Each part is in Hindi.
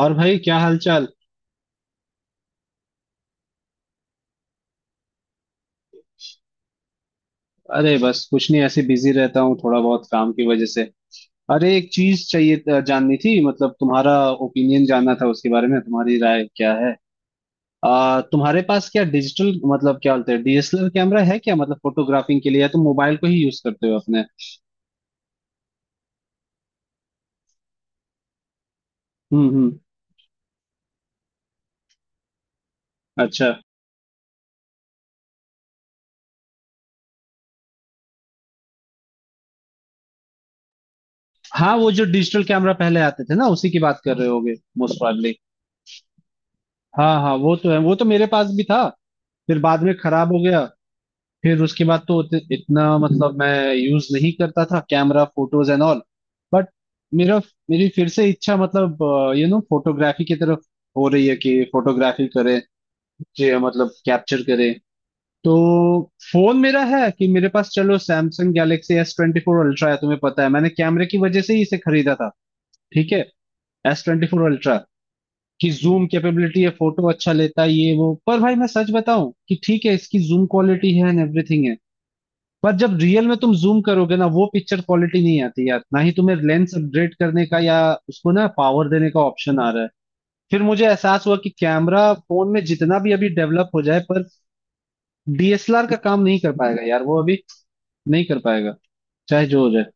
और भाई क्या हालचाल। अरे बस कुछ नहीं, ऐसे बिजी रहता हूँ थोड़ा बहुत काम की वजह से। अरे एक चीज चाहिए जाननी थी, मतलब तुम्हारा ओपिनियन जानना था, उसके बारे में तुम्हारी राय क्या है। तुम्हारे पास क्या डिजिटल मतलब क्या बोलते हैं डीएसएलआर कैमरा है क्या, मतलब फोटोग्राफिंग के लिए, या तुम मोबाइल को ही यूज करते हो अपने। हम्म। अच्छा। हाँ वो जो डिजिटल कैमरा पहले आते थे ना उसी की बात कर रहे होगे मोस्ट प्रॉब्ली। हाँ हाँ वो तो है, वो तो मेरे पास भी था। फिर बाद में खराब हो गया। फिर उसके बाद तो इतना मतलब मैं यूज नहीं करता था camera photos and all. But मेरा, मेरी फिर से इच्छा मतलब फोटोग्राफी की तरफ हो रही है कि फोटोग्राफी करें, जे मतलब कैप्चर करें तो। फोन मेरा है कि मेरे पास चलो सैमसंग गैलेक्सी S24 अल्ट्रा है, तुम्हें पता है मैंने कैमरे की वजह से ही इसे खरीदा था। ठीक है। S24 अल्ट्रा की जूम कैपेबिलिटी है, फोटो अच्छा लेता है ये वो, पर भाई मैं सच बताऊं कि ठीक है इसकी जूम क्वालिटी है एंड एवरीथिंग है, पर जब रियल में तुम जूम करोगे ना वो पिक्चर क्वालिटी नहीं आती यार, ना ही तुम्हें लेंस अपग्रेड करने का या उसको ना पावर देने का ऑप्शन आ रहा है। फिर मुझे एहसास हुआ कि कैमरा फोन में जितना भी अभी डेवलप हो जाए पर डीएसएलआर का काम नहीं कर पाएगा यार, वो अभी नहीं कर पाएगा, चाहे जो हो जाए।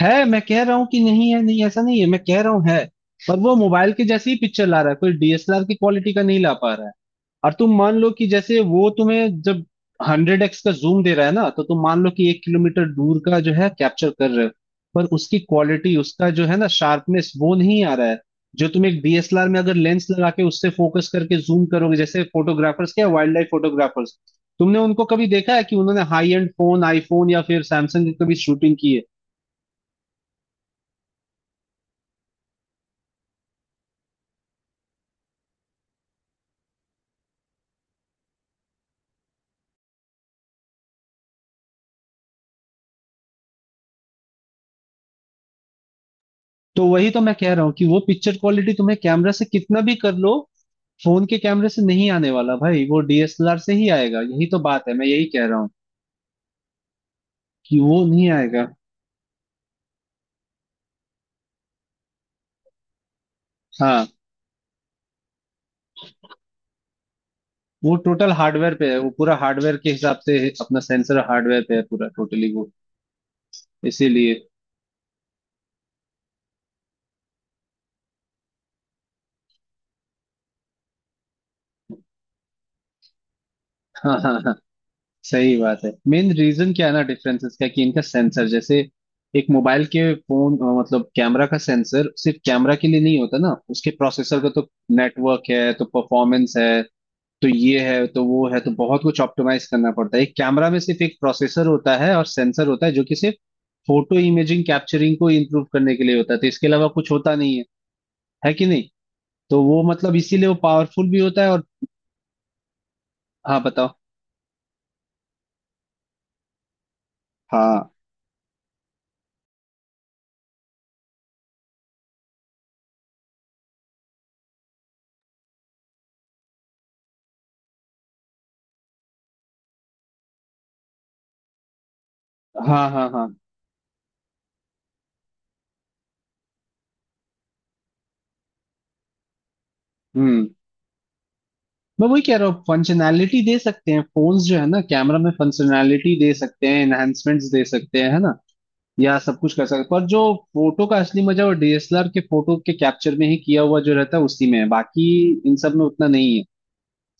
है, मैं कह रहा हूँ कि नहीं है, नहीं ऐसा नहीं है, मैं कह रहा हूँ है, पर वो मोबाइल के जैसी ही पिक्चर ला रहा है, कोई डीएसएलआर की क्वालिटी का नहीं ला पा रहा है। और तुम मान लो कि जैसे वो तुम्हें जब 100X का जूम दे रहा है ना, तो तुम मान लो कि 1 किलोमीटर दूर का जो है कैप्चर कर रहे हो, पर उसकी क्वालिटी, उसका जो है ना शार्पनेस वो नहीं आ रहा है। जो तुम एक डीएसएलआर में अगर लेंस लगा के उससे फोकस करके जूम करोगे, जैसे फोटोग्राफर्स, क्या वाइल्ड लाइफ फोटोग्राफर्स, तुमने उनको कभी देखा है कि उन्होंने हाई एंड फोन आईफोन या फिर सैमसंग की कभी शूटिंग की है। तो वही तो मैं कह रहा हूँ कि वो पिक्चर क्वालिटी तुम्हें कैमरा से कितना भी कर लो, फोन के कैमरे से नहीं आने वाला भाई, वो डीएसएलआर से ही आएगा, यही तो बात है, मैं यही कह रहा हूँ कि वो नहीं आएगा। हाँ वो टोटल हार्डवेयर पे है, वो पूरा हार्डवेयर के हिसाब से है, अपना सेंसर हार्डवेयर पे है पूरा टोटली वो। इसीलिए। हाँ हाँ हाँ सही बात है। मेन रीजन क्या है ना डिफरेंसेस का कि इनका सेंसर जैसे एक मोबाइल के फोन मतलब कैमरा का सेंसर सिर्फ कैमरा के लिए नहीं होता ना, उसके प्रोसेसर का तो नेटवर्क है तो परफॉर्मेंस है तो ये है तो वो है, तो बहुत कुछ ऑप्टिमाइज करना पड़ता है। एक कैमरा में सिर्फ एक प्रोसेसर होता है और सेंसर होता है जो कि सिर्फ फोटो इमेजिंग कैप्चरिंग को इम्प्रूव करने के लिए होता है, तो इसके अलावा कुछ होता नहीं है, है कि नहीं। तो वो मतलब इसीलिए वो पावरफुल भी होता है और हाँ बताओ। हाँ हाँ हाँ हाँ। हम्म। मैं वही कह रहा हूँ, फंक्शनैलिटी दे सकते हैं फोन्स जो है ना, कैमरा में फंक्शनैलिटी दे सकते हैं, एनहांसमेंट्स दे सकते हैं, है ना, या सब कुछ कर सकते हैं, पर जो फोटो का असली मजा वो डीएसएलआर के फोटो के कैप्चर में ही किया हुआ जो रहता है उसी में है, बाकी इन सब में उतना नहीं है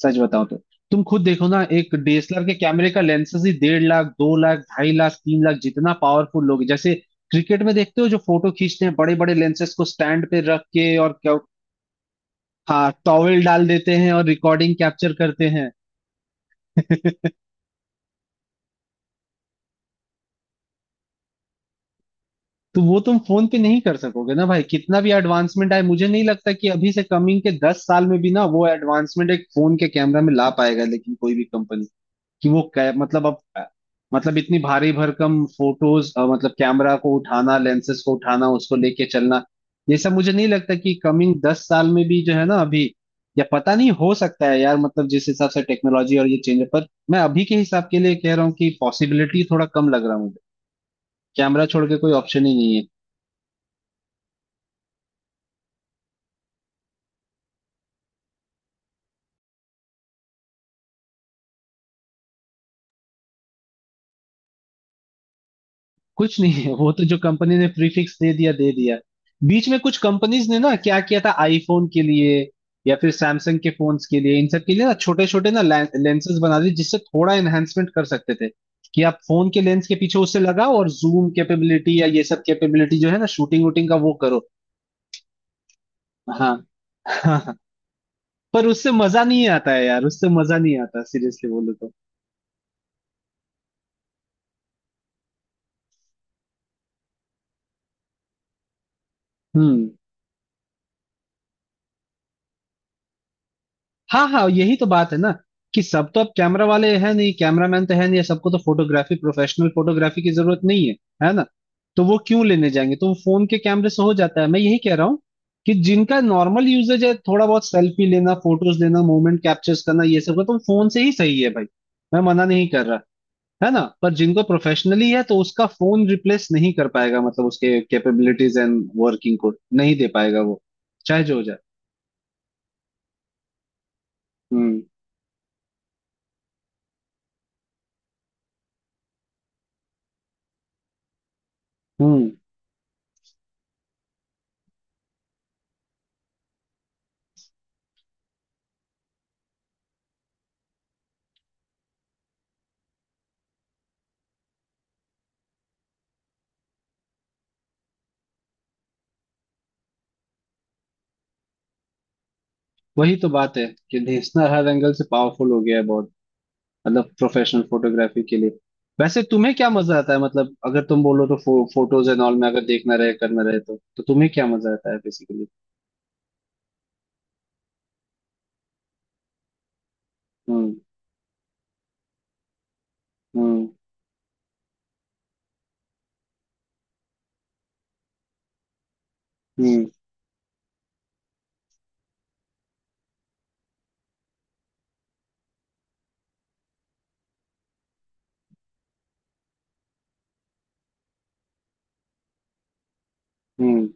सच बताऊं तो। तुम खुद देखो ना, एक डीएसएलआर के कैमरे का लेंसेज ही 1.5 लाख 2 लाख 2.5 लाख 3 लाख जितना पावरफुल, लोग जैसे क्रिकेट में देखते हो जो फोटो खींचते हैं बड़े बड़े लेंसेज को स्टैंड पे रख के, और क्या हाँ टॉवेल डाल देते हैं और रिकॉर्डिंग कैप्चर करते हैं। तो वो तुम फोन पे नहीं कर सकोगे ना भाई, कितना भी एडवांसमेंट आए, मुझे नहीं लगता कि अभी से कमिंग के 10 साल में भी ना वो एडवांसमेंट एक फोन के कैमरा में ला पाएगा लेकिन कोई भी कंपनी, कि वो मतलब अब मतलब इतनी भारी भरकम फोटोज, मतलब कैमरा को उठाना लेंसेस को उठाना उसको लेके चलना, ये सब मुझे नहीं लगता कि कमिंग 10 साल में भी जो है ना अभी, या पता नहीं हो सकता है यार, मतलब जिस हिसाब से टेक्नोलॉजी और ये चेंज है। पर मैं अभी के हिसाब के लिए कह रहा हूँ कि पॉसिबिलिटी थोड़ा कम लग रहा है मुझे, कैमरा छोड़ के कोई ऑप्शन ही नहीं है। कुछ नहीं है, वो तो जो कंपनी ने प्रीफिक्स दे दिया दे दिया। बीच में कुछ कंपनीज ने ना क्या किया था आईफोन के लिए या फिर सैमसंग के फोन्स के लिए इन सब के लिए ना, छोटे छोटे ना लेंसेज बना दिए, जिससे थोड़ा एनहेंसमेंट कर सकते थे कि आप फोन के लेंस के पीछे उससे लगाओ और जूम कैपेबिलिटी या ये सब कैपेबिलिटी जो है ना शूटिंग वूटिंग का वो करो। हाँ हाँ हाँ। पर उससे मजा नहीं आता है यार, उससे मजा नहीं आता सीरियसली बोलो तो। हम्म। हाँ हाँ यही तो बात है ना, कि सब तो अब कैमरा वाले हैं नहीं, कैमरामैन तो है नहीं, सबको तो फोटोग्राफी प्रोफेशनल फोटोग्राफी की जरूरत नहीं है, है ना। तो वो क्यों लेने जाएंगे, तो वो फोन के कैमरे से हो जाता है, मैं यही कह रहा हूँ कि जिनका नॉर्मल यूजेज है थोड़ा बहुत सेल्फी लेना फोटोज लेना मोमेंट कैप्चर्स करना ये सब का तो फोन से ही सही है भाई, मैं मना नहीं कर रहा, है ना। पर जिनको प्रोफेशनली है तो उसका फोन रिप्लेस नहीं कर पाएगा, मतलब उसके कैपेबिलिटीज एंड वर्किंग को नहीं दे पाएगा वो, चाहे जो हो जाए। हम्म हम्म। वही तो बात है कि नेसनर हर एंगल से पावरफुल हो गया है बहुत, मतलब प्रोफेशनल फोटोग्राफी के लिए। वैसे तुम्हें क्या मजा आता है, मतलब अगर तुम बोलो तो फोटोज एंड ऑल में अगर देखना रहे करना रहे तो तुम्हें क्या मजा आता है बेसिकली। हम्म हम्म हम्म हम्म।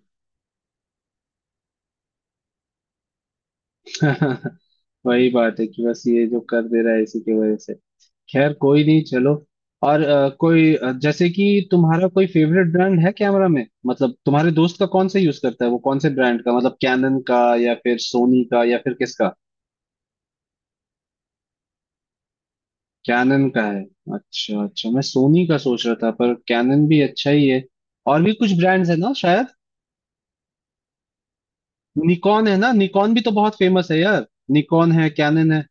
वही बात है कि बस ये जो कर दे रहा है इसी की वजह से, खैर कोई नहीं चलो। और कोई जैसे कि तुम्हारा कोई फेवरेट ब्रांड है कैमरा में, मतलब तुम्हारे दोस्त का कौन सा यूज करता है वो, कौन से ब्रांड का, मतलब कैनन का या फिर सोनी का या फिर किसका। कैनन का है। अच्छा अच्छा, मैं सोनी का सोच रहा था पर कैनन भी अच्छा ही है। और भी कुछ ब्रांड्स है ना शायद, निकॉन है ना, निकॉन भी तो बहुत फेमस है यार, निकॉन है कैनन है।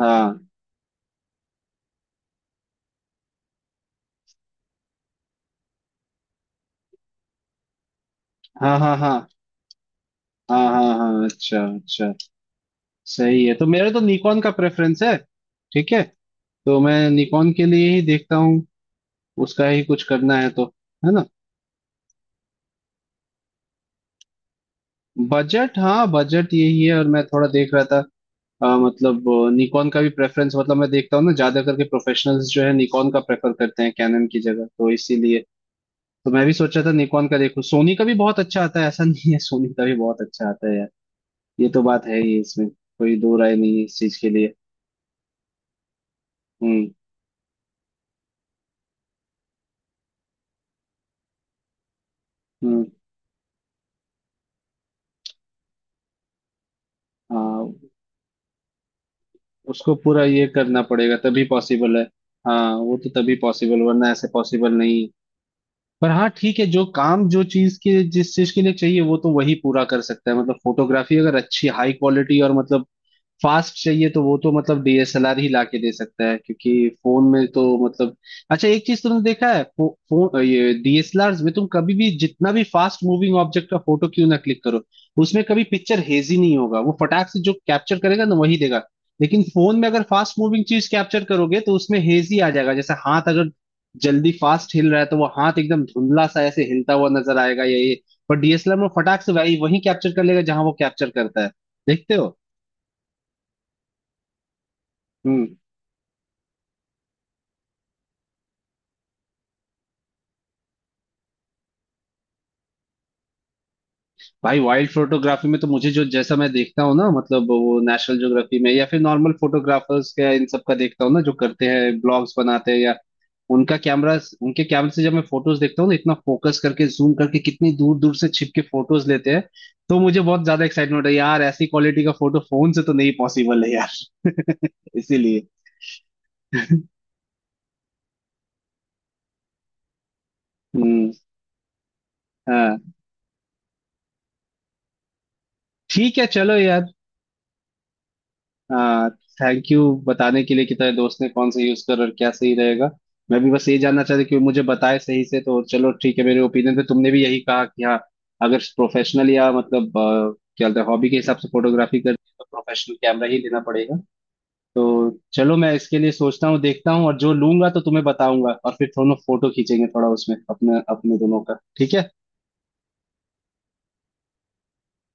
हाँ हाँ हाँ हाँ हाँ हाँ हाँ अच्छा अच्छा। सही है, तो मेरा तो निकॉन का प्रेफरेंस है। ठीक है। तो मैं निकॉन के लिए ही देखता हूँ, उसका ही कुछ करना है तो, है ना। बजट हाँ बजट यही है, और मैं थोड़ा देख रहा था मतलब निकॉन का भी प्रेफरेंस, मतलब मैं देखता हूँ ना ज्यादा करके प्रोफेशनल्स जो है निकॉन का प्रेफर करते हैं कैनन की जगह, तो इसीलिए, तो मैं भी सोचा था निकॉन का देखूं। सोनी का भी बहुत अच्छा आता है, ऐसा नहीं है, सोनी का भी बहुत अच्छा आता है यार, ये तो बात है ही इसमें कोई दो राय नहीं है इस चीज के लिए। हम्म हम्म। हाँ उसको पूरा ये करना पड़ेगा तभी पॉसिबल है। हाँ वो तो तभी पॉसिबल, वरना ऐसे पॉसिबल नहीं। पर हाँ ठीक है, जो काम जो चीज के जिस चीज के लिए चाहिए वो तो वही पूरा कर सकता है, मतलब फोटोग्राफी अगर अच्छी हाई क्वालिटी और मतलब फास्ट चाहिए तो वो तो मतलब डीएसएलआर ही लाके दे सकता है, क्योंकि फोन में तो मतलब। अच्छा एक चीज तुमने देखा है फो, फो, ये डीएसएलआर में तुम कभी भी जितना भी फास्ट मूविंग ऑब्जेक्ट का फोटो क्यों ना क्लिक करो, उसमें कभी पिक्चर हेजी नहीं होगा, वो फटाक से जो कैप्चर करेगा ना वही देगा। लेकिन फोन में अगर फास्ट मूविंग चीज कैप्चर करोगे तो उसमें हेजी आ जाएगा, जैसे हाथ अगर जल्दी फास्ट हिल रहा है तो वो हाथ एकदम धुंधला सा ऐसे हिलता हुआ नजर आएगा या ये, पर डीएसएलआर में फटाक से वही वही कैप्चर कर लेगा जहां वो कैप्चर करता है, देखते हो। हम्म। भाई वाइल्ड फोटोग्राफी में तो मुझे जो जैसा मैं देखता हूँ ना, मतलब वो नेशनल ज्योग्राफी में या फिर नॉर्मल फोटोग्राफर्स का इन सब का देखता हूँ ना जो करते हैं ब्लॉग्स बनाते हैं या उनका कैमरा, उनके कैमरे से जब मैं फोटोज देखता हूँ ना इतना फोकस करके जूम करके कितनी दूर दूर से छिप के फोटोज लेते हैं, तो मुझे बहुत ज्यादा एक्साइटमेंट है यार, ऐसी क्वालिटी का फोटो फोन से तो नहीं पॉसिबल है यार इसीलिए। हम्म। हाँ ठीक है चलो यार। हाँ थैंक यू बताने के लिए कि तेरे दोस्त ने कौन सा यूज कर और क्या सही रहेगा, मैं भी बस ये जानना चाहता था कि वो मुझे बताए सही से, तो चलो ठीक है, मेरे ओपिनियन पे तुमने भी यही कहा कि हाँ अगर प्रोफेशनल या मतलब क्या बोलते हैं हॉबी के हिसाब से फोटोग्राफी करनी है तो प्रोफेशनल कैमरा ही लेना पड़ेगा। तो चलो मैं इसके लिए सोचता हूँ देखता हूँ, और जो लूंगा तो तुम्हें बताऊंगा, और फिर दोनों फोटो खींचेंगे थोड़ा उसमें अपने अपने दोनों का, ठीक है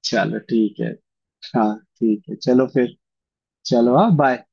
चलो। ठीक है हाँ ठीक है चलो फिर चलो हाँ बाय।